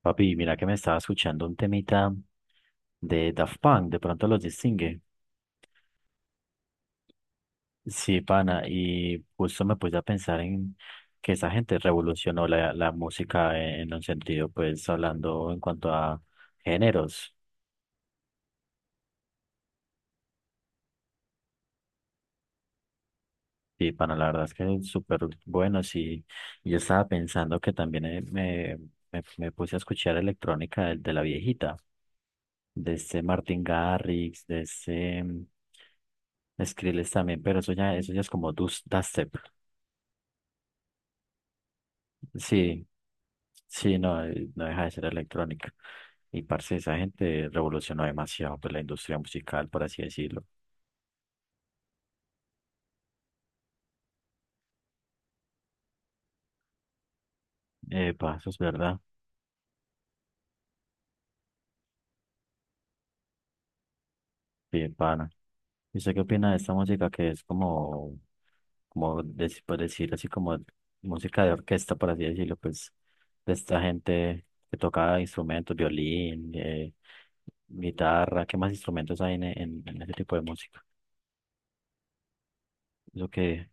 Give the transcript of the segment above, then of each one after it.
Papi, mira que me estaba escuchando un temita de Daft Punk, de pronto los distingue. Sí, pana, y justo me puse a pensar en que esa gente revolucionó la música en un sentido, pues hablando en cuanto a géneros. Sí, pana, la verdad es que es súper bueno, sí. Yo estaba pensando que también me puse a escuchar electrónica de la viejita, de este Martin Garrix, de este Skrillex también, pero eso ya es como dubstep. Sí, sí, no, no deja de ser electrónica. Y parce, esa gente revolucionó demasiado pues, la industria musical, por así decirlo. Epa, eso es verdad. Bien, pana. ¿Y usted qué opina de esta música que es como, por decir así, como música de orquesta, por así decirlo, pues, de esta gente que toca instrumentos, violín, guitarra? ¿Qué más instrumentos hay en ese tipo de música? Eso que,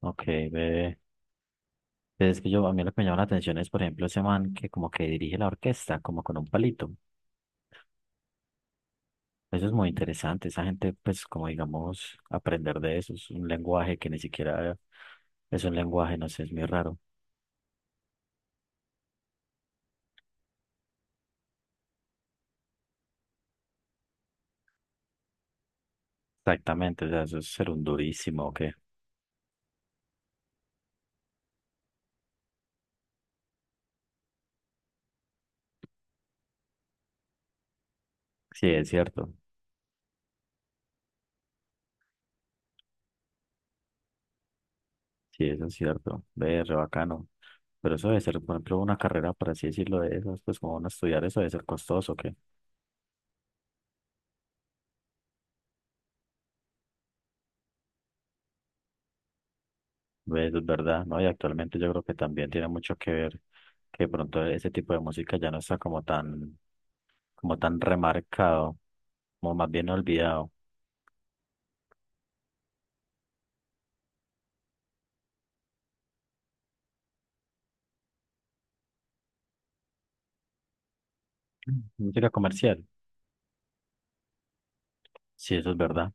ok, ve. Pero es que yo, a mí lo que me llama la atención es, por ejemplo, ese man que como que dirige la orquesta, como con un palito. Eso es muy interesante. Esa gente, pues, como digamos, aprender de eso es un lenguaje que ni siquiera es un lenguaje, no sé, es muy raro. Exactamente, o sea, eso es ser un durísimo, ¿o qué? Sí, es cierto. Sí, eso es cierto. Ve, re bacano. Pero eso debe ser, por ejemplo, una carrera, por así decirlo, de esas, pues, como uno estudiar eso debe ser costoso, ¿qué? Ve, eso es verdad, ¿no? Y actualmente yo creo que también tiene mucho que ver que de pronto ese tipo de música ya no está como tan remarcado, como más bien olvidado. Mm. Música comercial, sí, eso es verdad.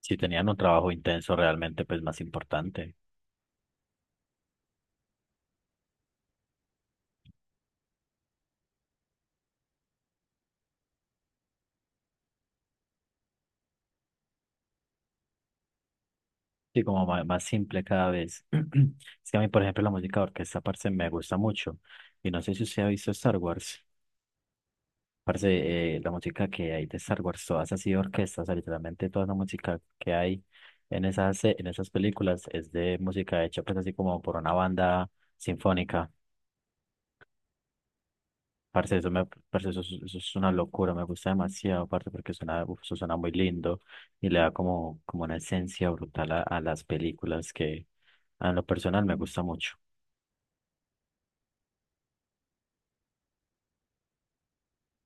Si tenían un trabajo intenso realmente, pues más importante. Sí, como más, simple cada vez. Es que a mí, por ejemplo, la música de orquesta, parce, me gusta mucho. Y no sé si usted ha visto Star Wars. Parce, la música que hay de Star Wars, todas así de orquestas, o sea, literalmente toda la música que hay en esas películas es de música hecha, pues así como por una banda sinfónica. Parce, eso, me, parce, eso es una locura, me gusta demasiado, parce, porque suena, uf, eso suena muy lindo y le da como, como una esencia brutal a las películas que a lo personal me gusta mucho.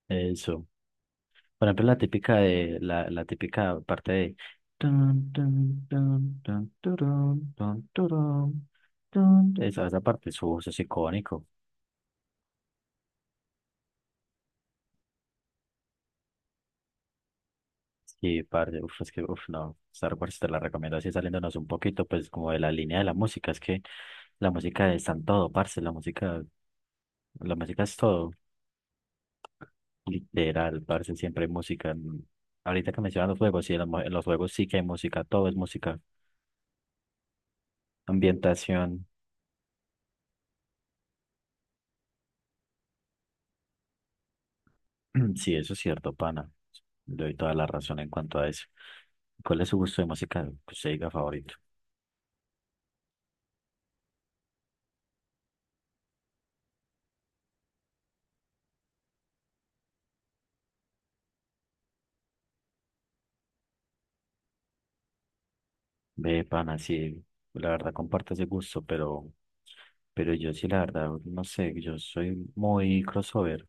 Eso. Por ejemplo, la típica de, la típica parte de tun, tun, tun, tun, turun, tun, turun, tun. Esa parte, su voz es icónico. Sí, parce, uf, es que, uf, no, Star Wars te la recomiendo así saliéndonos un poquito, pues, como de la línea de la música, es que la música está en todo, parce, la música es todo, literal, parce, siempre hay música. Mm. Ahorita que mencionas los juegos, sí, en los, en los juegos sí que hay música, todo es música, ambientación. Sí, eso es cierto, pana, le doy toda la razón en cuanto a eso. ¿Cuál es su gusto de música que usted diga favorito? Ve, pana, sí, la verdad comparto ese gusto, pero yo sí, la verdad, no sé, yo soy muy crossover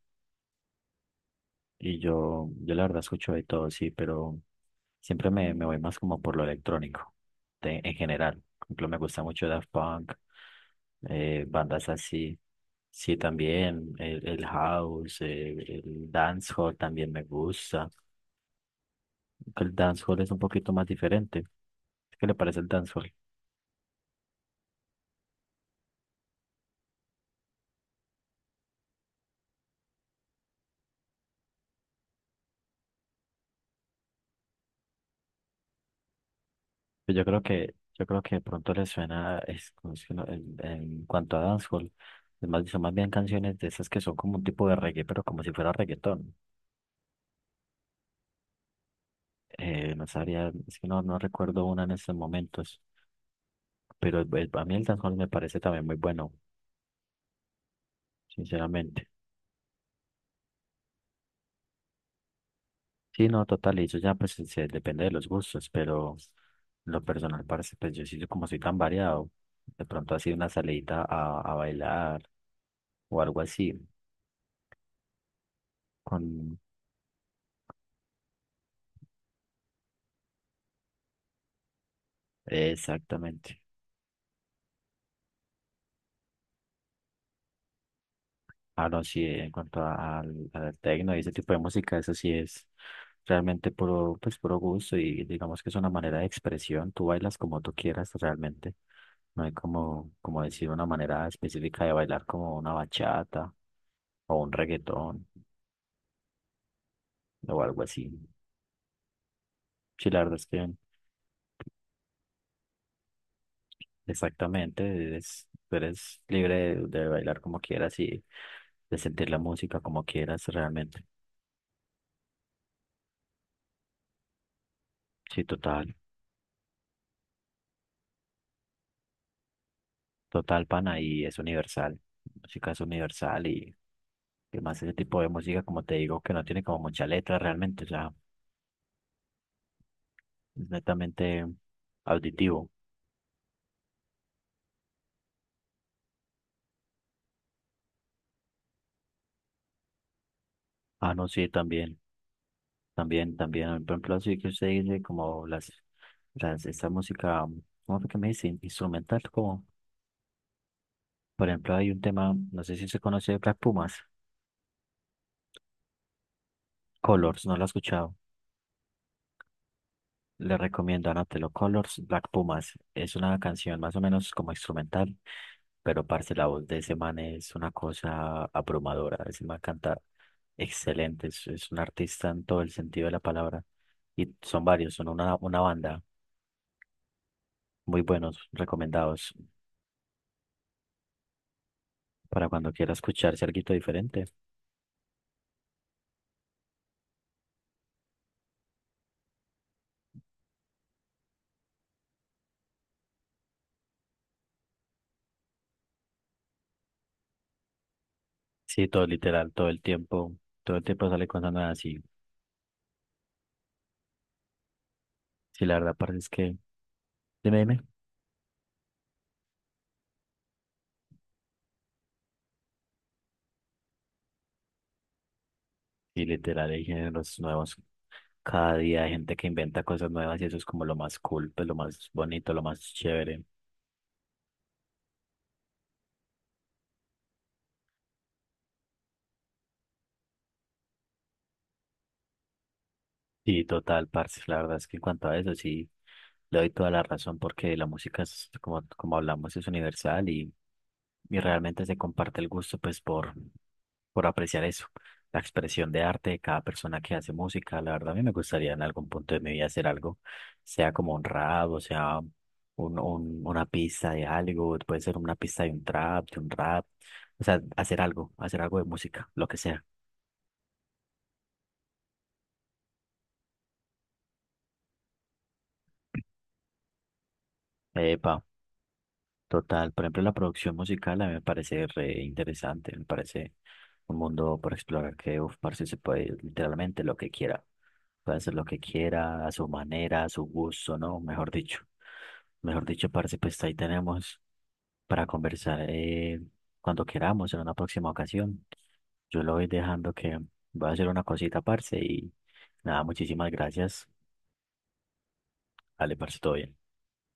y yo la verdad escucho de todo, sí, pero siempre me, me voy más como por lo electrónico, de- en general. Por ejemplo, me gusta mucho Daft Punk, bandas así, sí, también, el house, el dancehall también me gusta. Aunque el dancehall es un poquito más diferente. ¿Qué le parece el dancehall? Pues yo creo que, yo creo que de pronto les suena es, como si en cuanto a dancehall, es más, son más bien canciones de esas que son como un tipo de reggae, pero como si fuera reggaetón. No sabría, es que no, no recuerdo una en estos momentos, pero a mí el dancehall me parece también muy bueno, sinceramente. Sí, no, total, y eso ya pues depende de los gustos, pero en lo personal parece, pues yo sí, como soy tan variado, de pronto así una salidita a bailar o algo así, con... Exactamente. Ah, no, sí, en cuanto al, al tecno y ese tipo de música, eso sí es realmente puro, pues, puro gusto y digamos que es una manera de expresión, tú bailas como tú quieras realmente, no hay como, como decir una manera específica de bailar como una bachata o un reggaetón o algo así. Sí, la verdad es que exactamente, eres, tú eres libre de bailar como quieras y de sentir la música como quieras realmente. Sí, total. Total, pana, y es universal. Música es universal y que más ese tipo de música, como te digo, que no tiene como mucha letra realmente, o sea, es netamente auditivo. Ah, no, sí, también, también, también. Por ejemplo, así que usted dice como las, esta música, ¿cómo fue que me dice? Instrumental, como, por ejemplo, hay un tema, no sé si se conoce de Black Pumas, Colors, no lo he escuchado. Le recomiendo Anotelo Colors, Black Pumas. Es una canción más o menos como instrumental, pero parce, la voz de ese man es una cosa abrumadora. Ese man canta excelente, es un artista en todo el sentido de la palabra. Y son varios, son una banda muy buenos, recomendados para cuando quiera escucharse algo diferente. Sí, todo literal, todo el tiempo sale cosas nuevas. Y sí, la verdad, parce, es que, dime, dime. Y literal, hay géneros nuevos. Cada día hay gente que inventa cosas nuevas y eso es como lo más cool, pues lo más bonito, lo más chévere. Sí, total, parce. La verdad es que en cuanto a eso, sí, le doy toda la razón porque la música es, como, como hablamos, es universal y realmente se comparte el gusto, pues, por apreciar eso, la expresión de arte de cada persona que hace música. La verdad, a mí me gustaría en algún punto de mi vida hacer algo, sea como un rap, o sea, un, una pista de algo, puede ser una pista de un trap, de un rap, o sea, hacer algo de música, lo que sea. Epa. Total, por ejemplo, la producción musical a mí me parece re interesante, me parece un mundo por explorar que, uf, parce, se puede literalmente lo que quiera, puede hacer lo que quiera, a su manera, a su gusto, ¿no? Mejor dicho, parce, pues ahí tenemos para conversar cuando queramos en una próxima ocasión. Yo lo voy dejando que voy a hacer una cosita, parce, y nada, muchísimas gracias. Dale, parce, todo bien.